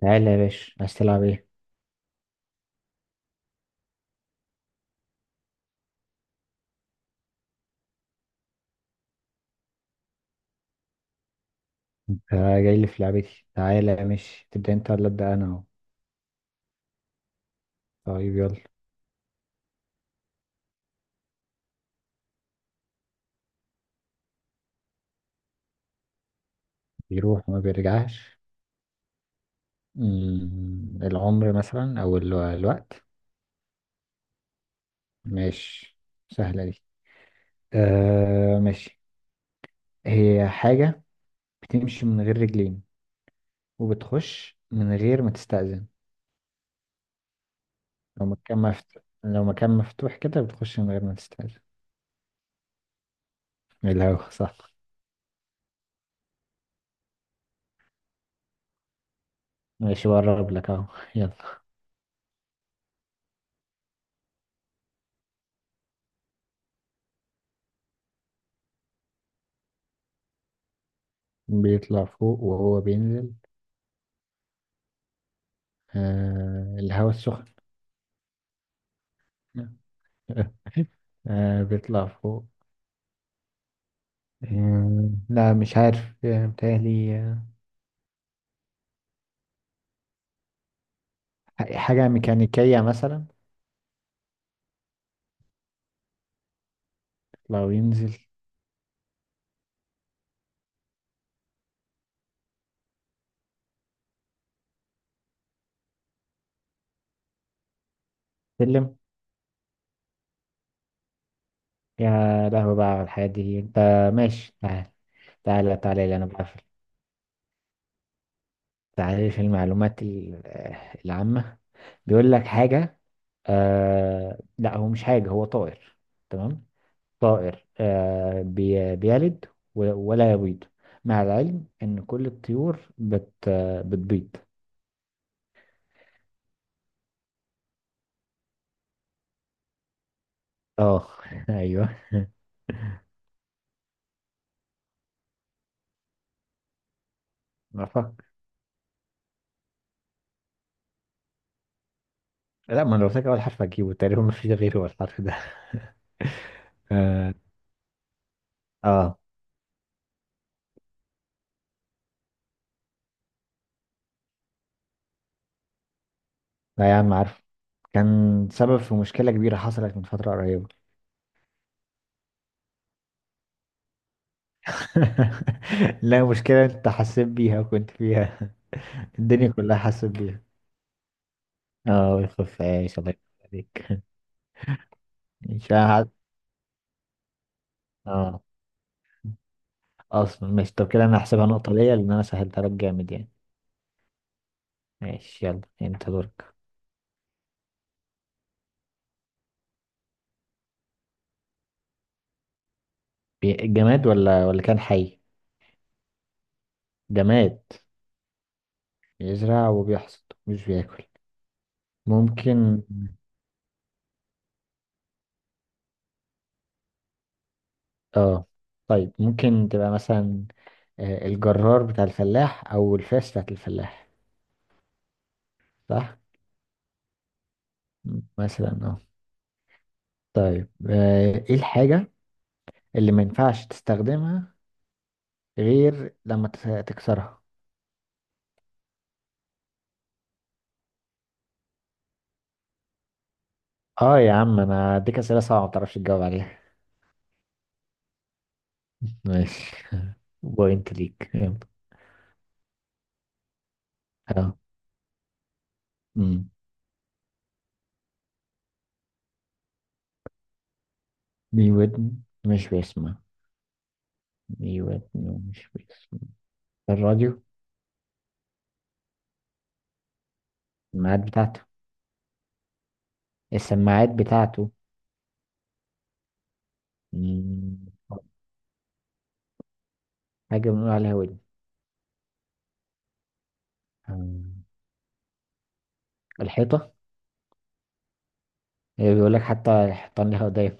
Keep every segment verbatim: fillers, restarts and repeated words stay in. تعالى يا باشا، عايز تلعب ايه؟ آه، جاي لي في لعبتي. تعالى، ماشي، تبدأ انت ولا ابدأ انا اهو؟ طيب يلا. بيروح وما بيرجعش؟ مم، العمر مثلا، او ال- الوقت. ماشي، سهلة دي. آه ماشي. هي حاجة بتمشي من غير رجلين، وبتخش من غير ما تستأذن. لو مكان مفتوح، لو مكان مفتوح كده بتخش من غير ما تستأذن. إيه الهوا؟ صح. ماشي، بقرب لك اهو. يلا. بيطلع فوق وهو بينزل؟ آه الهوا السخن. آه، بيطلع فوق. آه، لا مش عارف، آه، متهيألي، آه، حاجة ميكانيكية مثلا. لو ينزل، سلم. يا لهوي بقى على الحياة دي انت. ماشي، تعال. تعالى تعالى اللي انا بقفل. تعالى في المعلومات ال- آه، العامة. بيقول لك حاجة؟ آه لا، هو مش حاجة، هو طائر. تمام. طائر آه بي بيلد و- ولا يبيض، مع العلم ان كل الطيور بت آه، بتبيض. اه ايوه. ما فكر. لا، ما انا قلت لك اول حرف هجيبه تقريبا، ما فيش غيره هو الحرف ده. اه. آه. لا يا عم عارف. كان سبب في مشكلة كبيرة حصلت من فترة قريبة. لا، مشكلة انت حسيت بيها وكنت فيها. الدنيا كلها حسيت بيها. اه، يخف عيش، الله يخف عليك. مش عارف. اه. اصلا ماشي. طب كده انا هحسبها نقطة ليا، لان انا سهلتها لك جامد يعني. ماشي يلا، انت دورك. بي- جماد ولا ولا كان حي؟ جماد. بيزرع وبيحصد مش بياكل؟ ممكن. اه. طيب ممكن تبقى مثلا آه، الجرار بتاع الفلاح، او الفاس بتاعت الفلاح. صح. مثلا اه. طيب، آه، ايه الحاجة اللي ما ينفعش تستخدمها غير لما تس- تكسرها؟ اه يا عم، انا اديك اسئلة صعبة ما تعرفش تجاوب عليها. ماشي. بوينت ليك، يلا. اه. أمم. ليه ودن مش بيسمع. ليه ودن ومش بيسمع. الراديو. الميعاد بتاعته. السماعات بتاعته. مم، حاجة بنقول عليها ودن. مم، الحيطة. هي بيقول لك حتى الحيطان لها ودايب.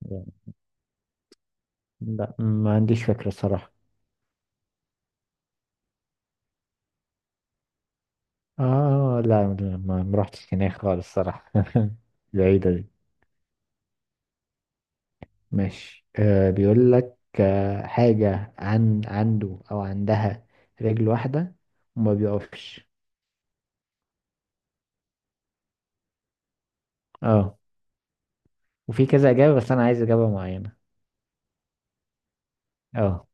لا، ما عنديش فكرة الصراحة. اه لا لا، ما ما رحتش هناك خالص الصراحة. بعيدة دي. ماشي. آه بيقول لك آه حاجة عن عنده أو عندها رجل واحدة وما بيقفش. اه، وفي كذا إجابة بس أنا عايز إجابة معينة. اه.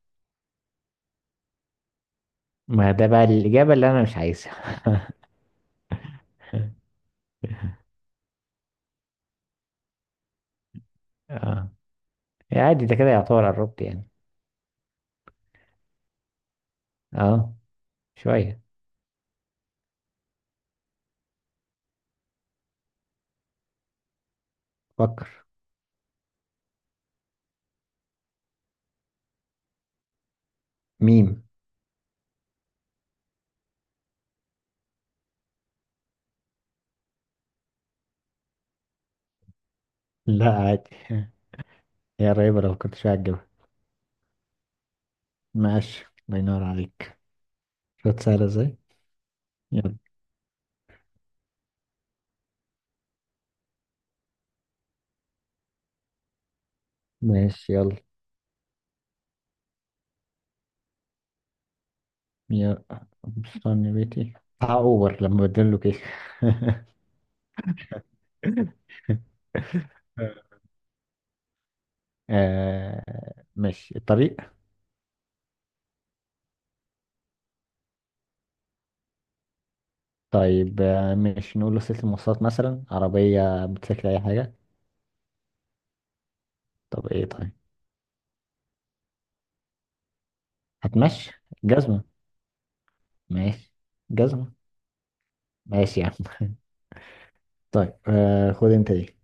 ما ده بقى الإجابة اللي أنا مش عايزها. اه، عادي. ده كده يعتبر قربت يعني. اه، شوية. فكر. ميم. لا عادي، هي قريبة، لو كنت شوية هتجيبها. ماشي، الله ينور عليك. شوت سهلة ازاي. يلا. ماشي يلا يا. استني بيتي بتاع اوبر لما بدله كيك. آه، ماشي الطريق. طيب، آه، مش نقول له سلسلة مواصلات مثلا؟ عربية، موتوسيكل، أي حاجة. طب إيه طيب. هتمشي. جزمة. ماشي، جزمة. ماشي يا عم. طيب آه، خد أنت دي.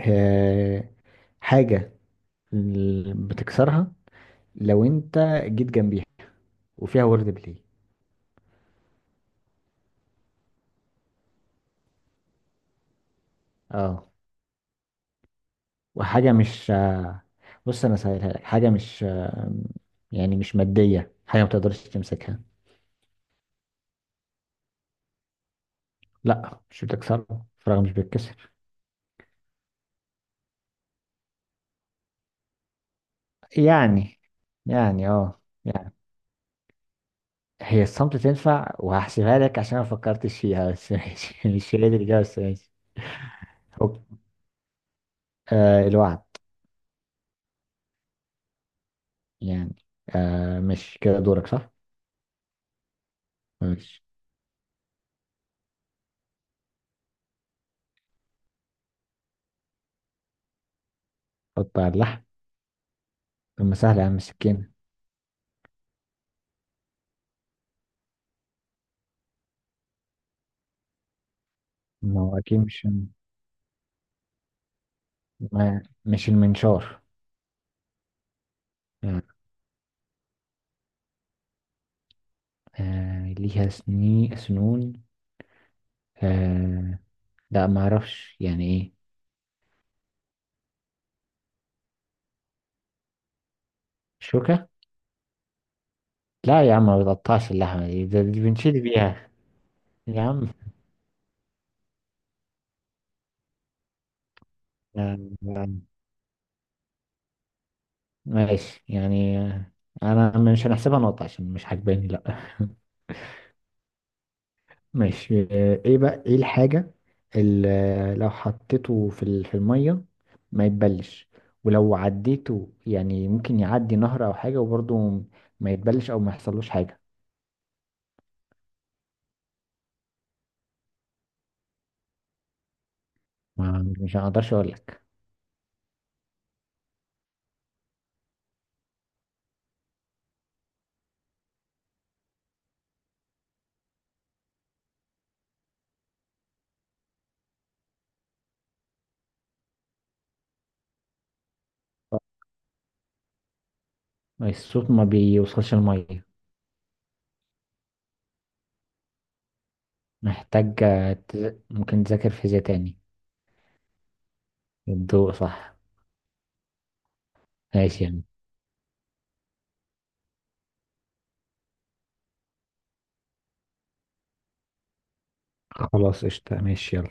آه، حاجة ال- بتكسرها لو انت جيت جنبيها، وفيها وورد بلاي. اه، وحاجة مش آه، بص انا سهلها لك، حاجة مش آه، يعني مش مادية، حاجة ما تقدرش تمسكها. لا، مش بتكسرها، فراغ مش بيتكسر. يعني يعني اه يعني. هي الصمت تنفع، وهحسبها لك عشان انا ما فكرتش فيها، بس ماشي مش هي دي الإجابة، بس ماشي. أوك. آه، الوعد. يعني. آه، مش كده دورك صح؟ ماشي. حط على اللحم. طب ما سهلة يا عم، السكينة. ما هو أكيد مش، ما مش المنشار. يعني، آه ليها سني سنون. آه. لا ما أعرفش يعني إيه. شوكة. لا يا عم، ما بتقطعش اللحمة دي، ده دي بنشيل بيها. يا عم. آه، آه، ماشي يعني آه، أنا مش هنحسبها نقطة عشان مش عاجباني، لا. ماشي. آه، ايه بقى، ايه الحاجة اللي لو حطيته في ال- في المية ما يتبلش، ولو عديته يعني ممكن يعدي نهر او حاجة، وبرضه ما يتبلش او ما يحصلوش حاجة؟ ما مش هقدرش اقول لك. الصوت ما بيوصلش المية. محتاج آه، تز- ممكن تذاكر فيزياء تاني. الضوء، صح. ماشي يعني. خلاص قشطة، ماشي يلا.